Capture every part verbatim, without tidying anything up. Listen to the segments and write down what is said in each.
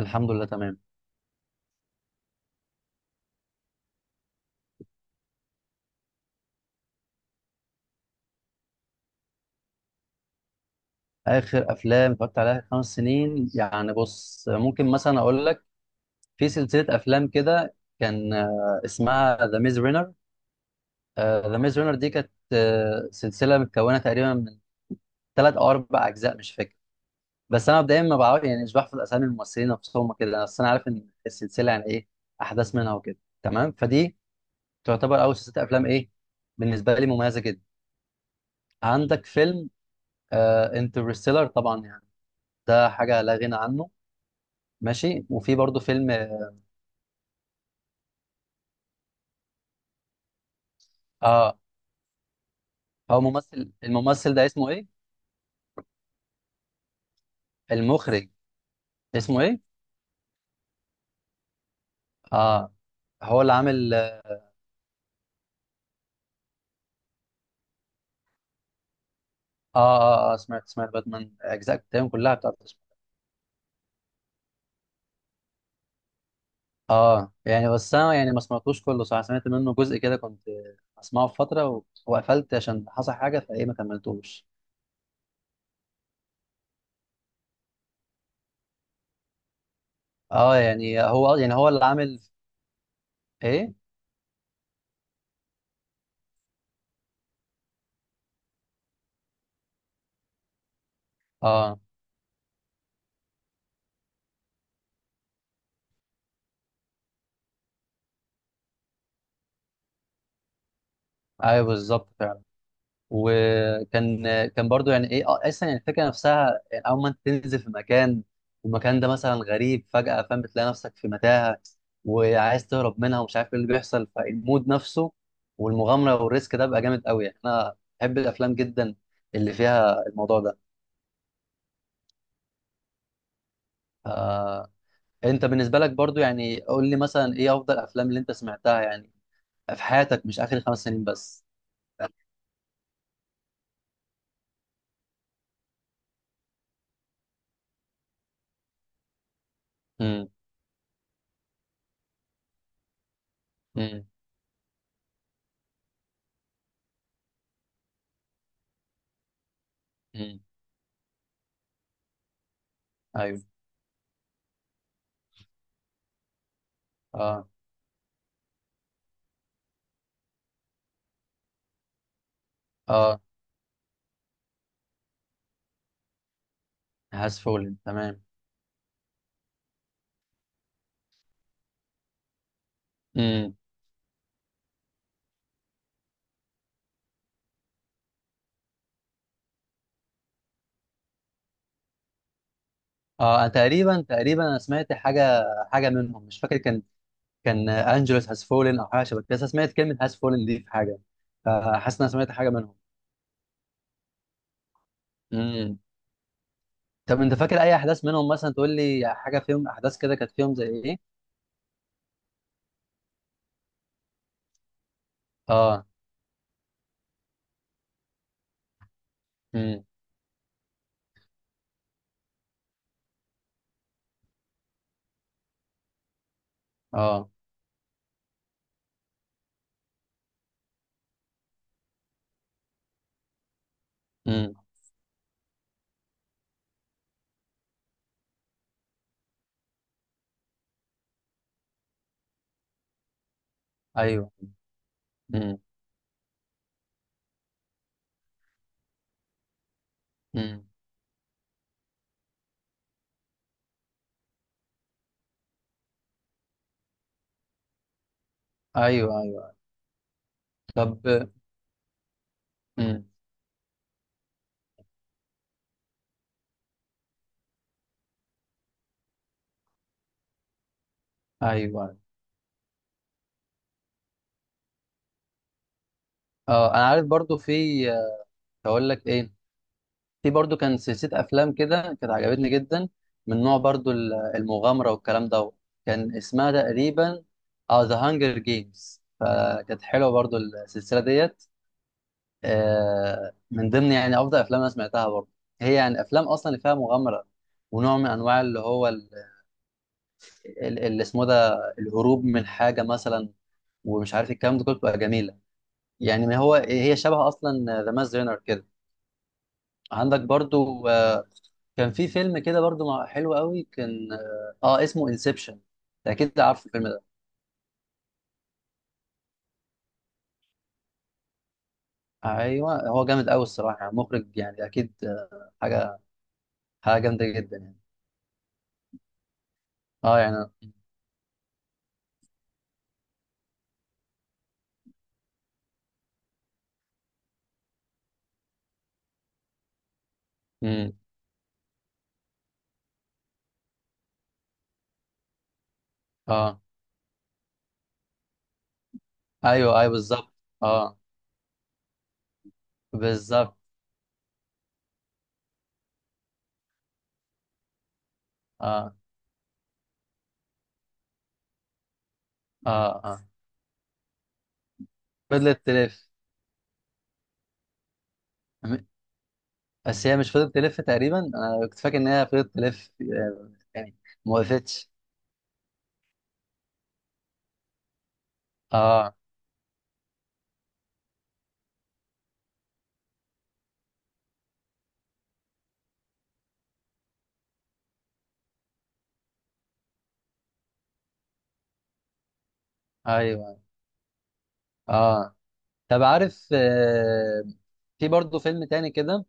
الحمد لله تمام. اخر افلام اتفرجت عليها خمس سنين، يعني بص، ممكن مثلا اقول لك. في سلسله افلام كده، كان آه، اسمها ذا ميز رينر. ذا ميز رينر دي كانت آه، سلسله متكونه تقريبا من ثلاث او اربع اجزاء، مش فاكر. بس انا مبدئيا ما بعرف، يعني مش بحفظ اسامي الممثلين نفسهم كده، بس انا عارف ان السلسله يعني ايه، احداث منها وكده، تمام. فدي تعتبر اول سلسله افلام، ايه، بالنسبه لي مميزه جدا. عندك فيلم انترستيلر، طبعا، يعني ده حاجه لا غنى عنه. ماشي. وفي برضه فيلم. اه. هو ممثل، الممثل ده اسمه ايه؟ المخرج اسمه ايه؟ اه. هو اللي عامل. اه. اه، آه سمعت سمعت باتمان، اجزاء بتاعهم كلها بتاعت. اه يعني بس انا يعني ما سمعتوش كله، صح، سمعت منه جزء كده، كنت اسمعه في فتره و- وقفلت عشان حصل حاجه، فايه ما كملتوش. اه يعني هو، يعني هو اللي عامل ايه. اه. ايوه، بالظبط فعلا. وكان، كان برضو يعني ايه، آه، اصلا يعني الفكره نفسها، يعني اول ما انت تنزل في مكان والمكان ده مثلا غريب فجاه، فاهم، بتلاقي نفسك في متاهه وعايز تهرب منها ومش عارف ايه اللي بيحصل، فالمود نفسه والمغامره والريسك ده بقى جامد قوي، يعني انا بحب الافلام جدا اللي فيها الموضوع ده. آه انت بالنسبه لك برضو، يعني قول لي مثلا ايه افضل افلام اللي انت سمعتها يعني في حياتك، مش اخر خمس سنين بس. امم. امم. امم. ايوه. اه. اه. هاس فولن تمام. امم. اه. أنا تقريبا تقريبا انا سمعت حاجه حاجه منهم مش فاكر. كان كان انجلوس هاز فولن او حاجه شبه كده، بس أنا سمعت كلمه هاز فولن دي في حاجه، فحاسس ان انا سمعت حاجه منهم. امم. طب انت فاكر اي احداث منهم؟ مثلا تقول لي حاجه فيهم، احداث كده كانت فيهم زي ايه. اه. امم. اه. امم. ايوه. امم. امم. ايوه، ايوه. طب. امم. ايوه. اه، انا عارف برضو. في، اقول لك ايه، في برضو كان سلسلة أفلام كده كانت عجبتني جدا، من نوع برضو ال- المغامرة والكلام ده. كان اسمها تقريبا، اه ذا هانجر جيمز، فكانت حلوة برضو السلسلة ديت. آه من ضمن يعني أفضل أفلام أنا سمعتها برضو. هي يعني أفلام أصلا اللي فيها مغامرة، ونوع من أنواع اللي هو، ال- ال- اللي اسمه ده، الهروب من حاجة مثلا، ومش عارف الكلام ده كله، بتبقى جميلة. يعني ما هو هي شبه أصلا ذا ماز رينر كده. عندك برضو آه، كان في فيلم كده برضو مع- حلو قوي، كان، اه آه، اسمه انسبشن، اكيد عارف الفيلم ده. ايوه، هو جامد قوي الصراحه، يعني مخرج، يعني اكيد آه، حاجه حاجه جامده جدا يعني. اه يعني. امم. اه. ايوه، ايوه بالظبط. اه، بالظبط. اه. اه. اه. فضلت تلف. م- بس هي مش فضلت تلف تقريبا، انا كنت فاكر ان هي فضلت تلف، آه، يعني ما وقفتش. اه. ايوه. اه. طب عارف، آه في برضه فيلم تاني كده،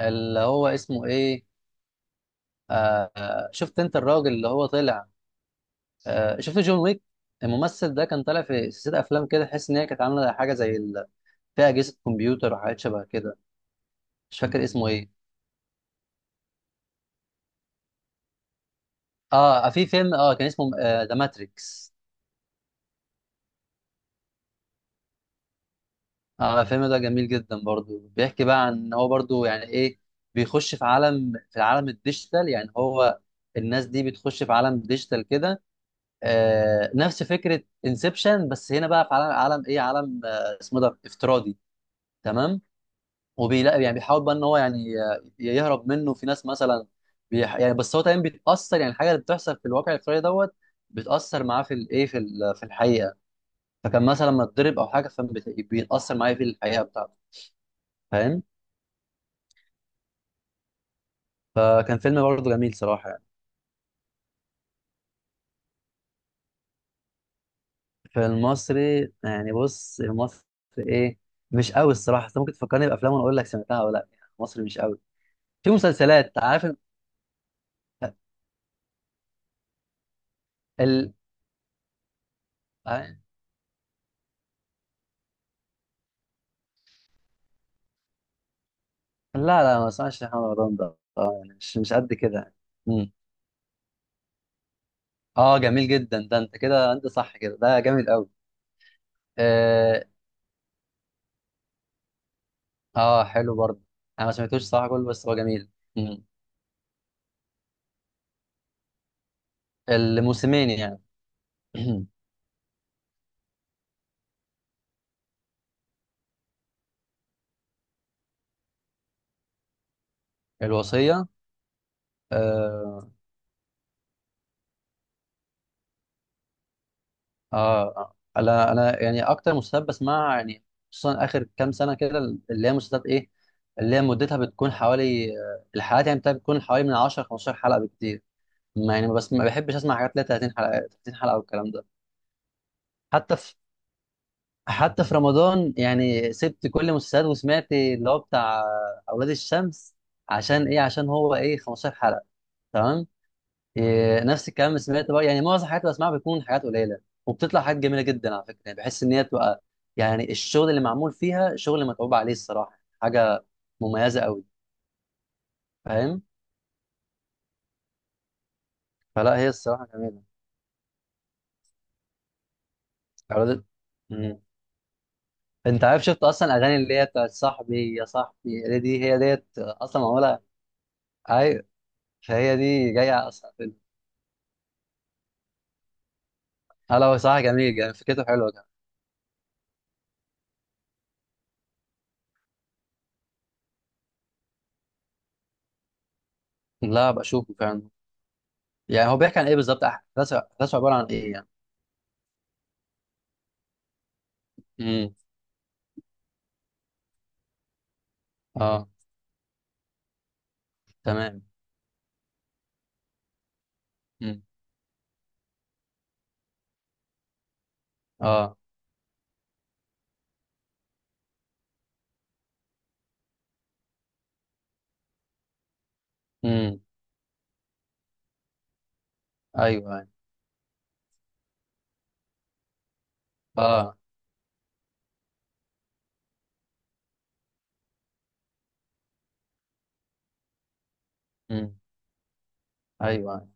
اللي هو اسمه ايه، آه آه، شفت انت الراجل اللي هو طلع؟ آه شفت جون ويك؟ الممثل ده كان طالع في سلسله افلام كده، تحس ان هي كانت عامله حاجه زي ال... فيها اجهزه كمبيوتر وحاجات شبه كده. مش فاكر اسمه ايه. اه، آه، في فيلم، اه كان اسمه ذا ماتريكس. اه، الفيلم ده جميل جدا برضو، بيحكي بقى عن ان هو برضو يعني ايه، بيخش في عالم في العالم الديجيتال. يعني هو الناس دي بتخش في عالم ديجيتال كده. آه نفس فكره انسبشن، بس هنا بقى في عالم، عالم ايه عالم، آه اسمه ده افتراضي، تمام. وبيلاقي يعني، بيحاول بقى ان هو يعني آه، يهرب منه، في ناس مثلا بيح... يعني، بس هو تمام بيتاثر، يعني الحاجه اللي بتحصل في الواقع الافتراضي دوت بتاثر معاه في الايه، في ال- في الحقيقه. فكان مثلا لما اتضرب او حاجه فبيتاثر معاه في الحقيقه بتاعته، فاهم. فكان فيلم برضه جميل صراحه يعني. في المصري يعني، بص المصري ايه، مش قوي الصراحه. انت ممكن تفكرني بافلام وانا اقول لك سمعتها ولا لا، يعني المصري مش قوي. في مسلسلات، عارف، ال... ال... لا لا، ما اسمعش محمد رمضان ده، اه يعني، مش مش قد كده يعني. مم. اه جميل جدا ده، انت كده انت صح كده، ده جميل قوي. اه، آه حلو برضه. انا ما سمعتوش صراحه كله، بس هو جميل. مم. الموسمين يعني. الوصيه. آه. اه. آه. انا، انا يعني اكتر مسلسلات بسمعها يعني، خصوصا اخر كام سنه كده، اللي هي مسلسلات ايه، اللي هي مدتها بتكون حوالي، آه، الحلقات يعني بتاعتها بتكون حوالي من عشر خمستاشر حلقه بكتير. ما يعني بس ما بحبش اسمع حاجات ليها ثلاثين حلقه، ثلاثين حلقه والكلام ده. حتى في حتى في رمضان، يعني سبت كل المسلسلات وسمعت اللي هو بتاع اولاد الشمس، عشان ايه، عشان هو ايه، خمستاشر حلقه، تمام. إيه، نفس الكلام. سمعت بقى، يعني معظم الحاجات اللي بسمعها بتكون حاجات قليله، وبتطلع حاجات جميله جدا على فكره، يعني بحس ان هي تبقى، يعني الشغل اللي معمول فيها شغل متعوب عليه الصراحه، حاجه مميزه قوي، فاهم. فلا، هي الصراحه جميله. اولاد. انت عارف شفت اصلا اغاني اللي هي بتاعت صاحبي يا صاحبي، اللي دي هي ديت اصلا معموله. ايوه. فهي دي جايه اصلا في الفيلم. هلا، هو صراحه جميل يعني، فكرته حلوه كمان. لا، بشوفه فعلا. يعني هو بيحكي عن ايه بالظبط، أح- احداثه، احداثه عباره عن ايه يعني؟ امم. اه. تمام. امم. اه. امم. ايوه، أيوة. اه. امم. ايوه، أيوة.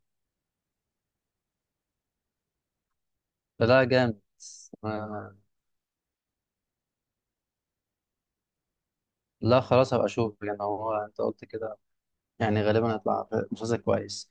لا، جامد. آه. لا خلاص، هبقى اشوف يعني، هو انت قلت كده، يعني غالبا هيطلع مسلسل كويس.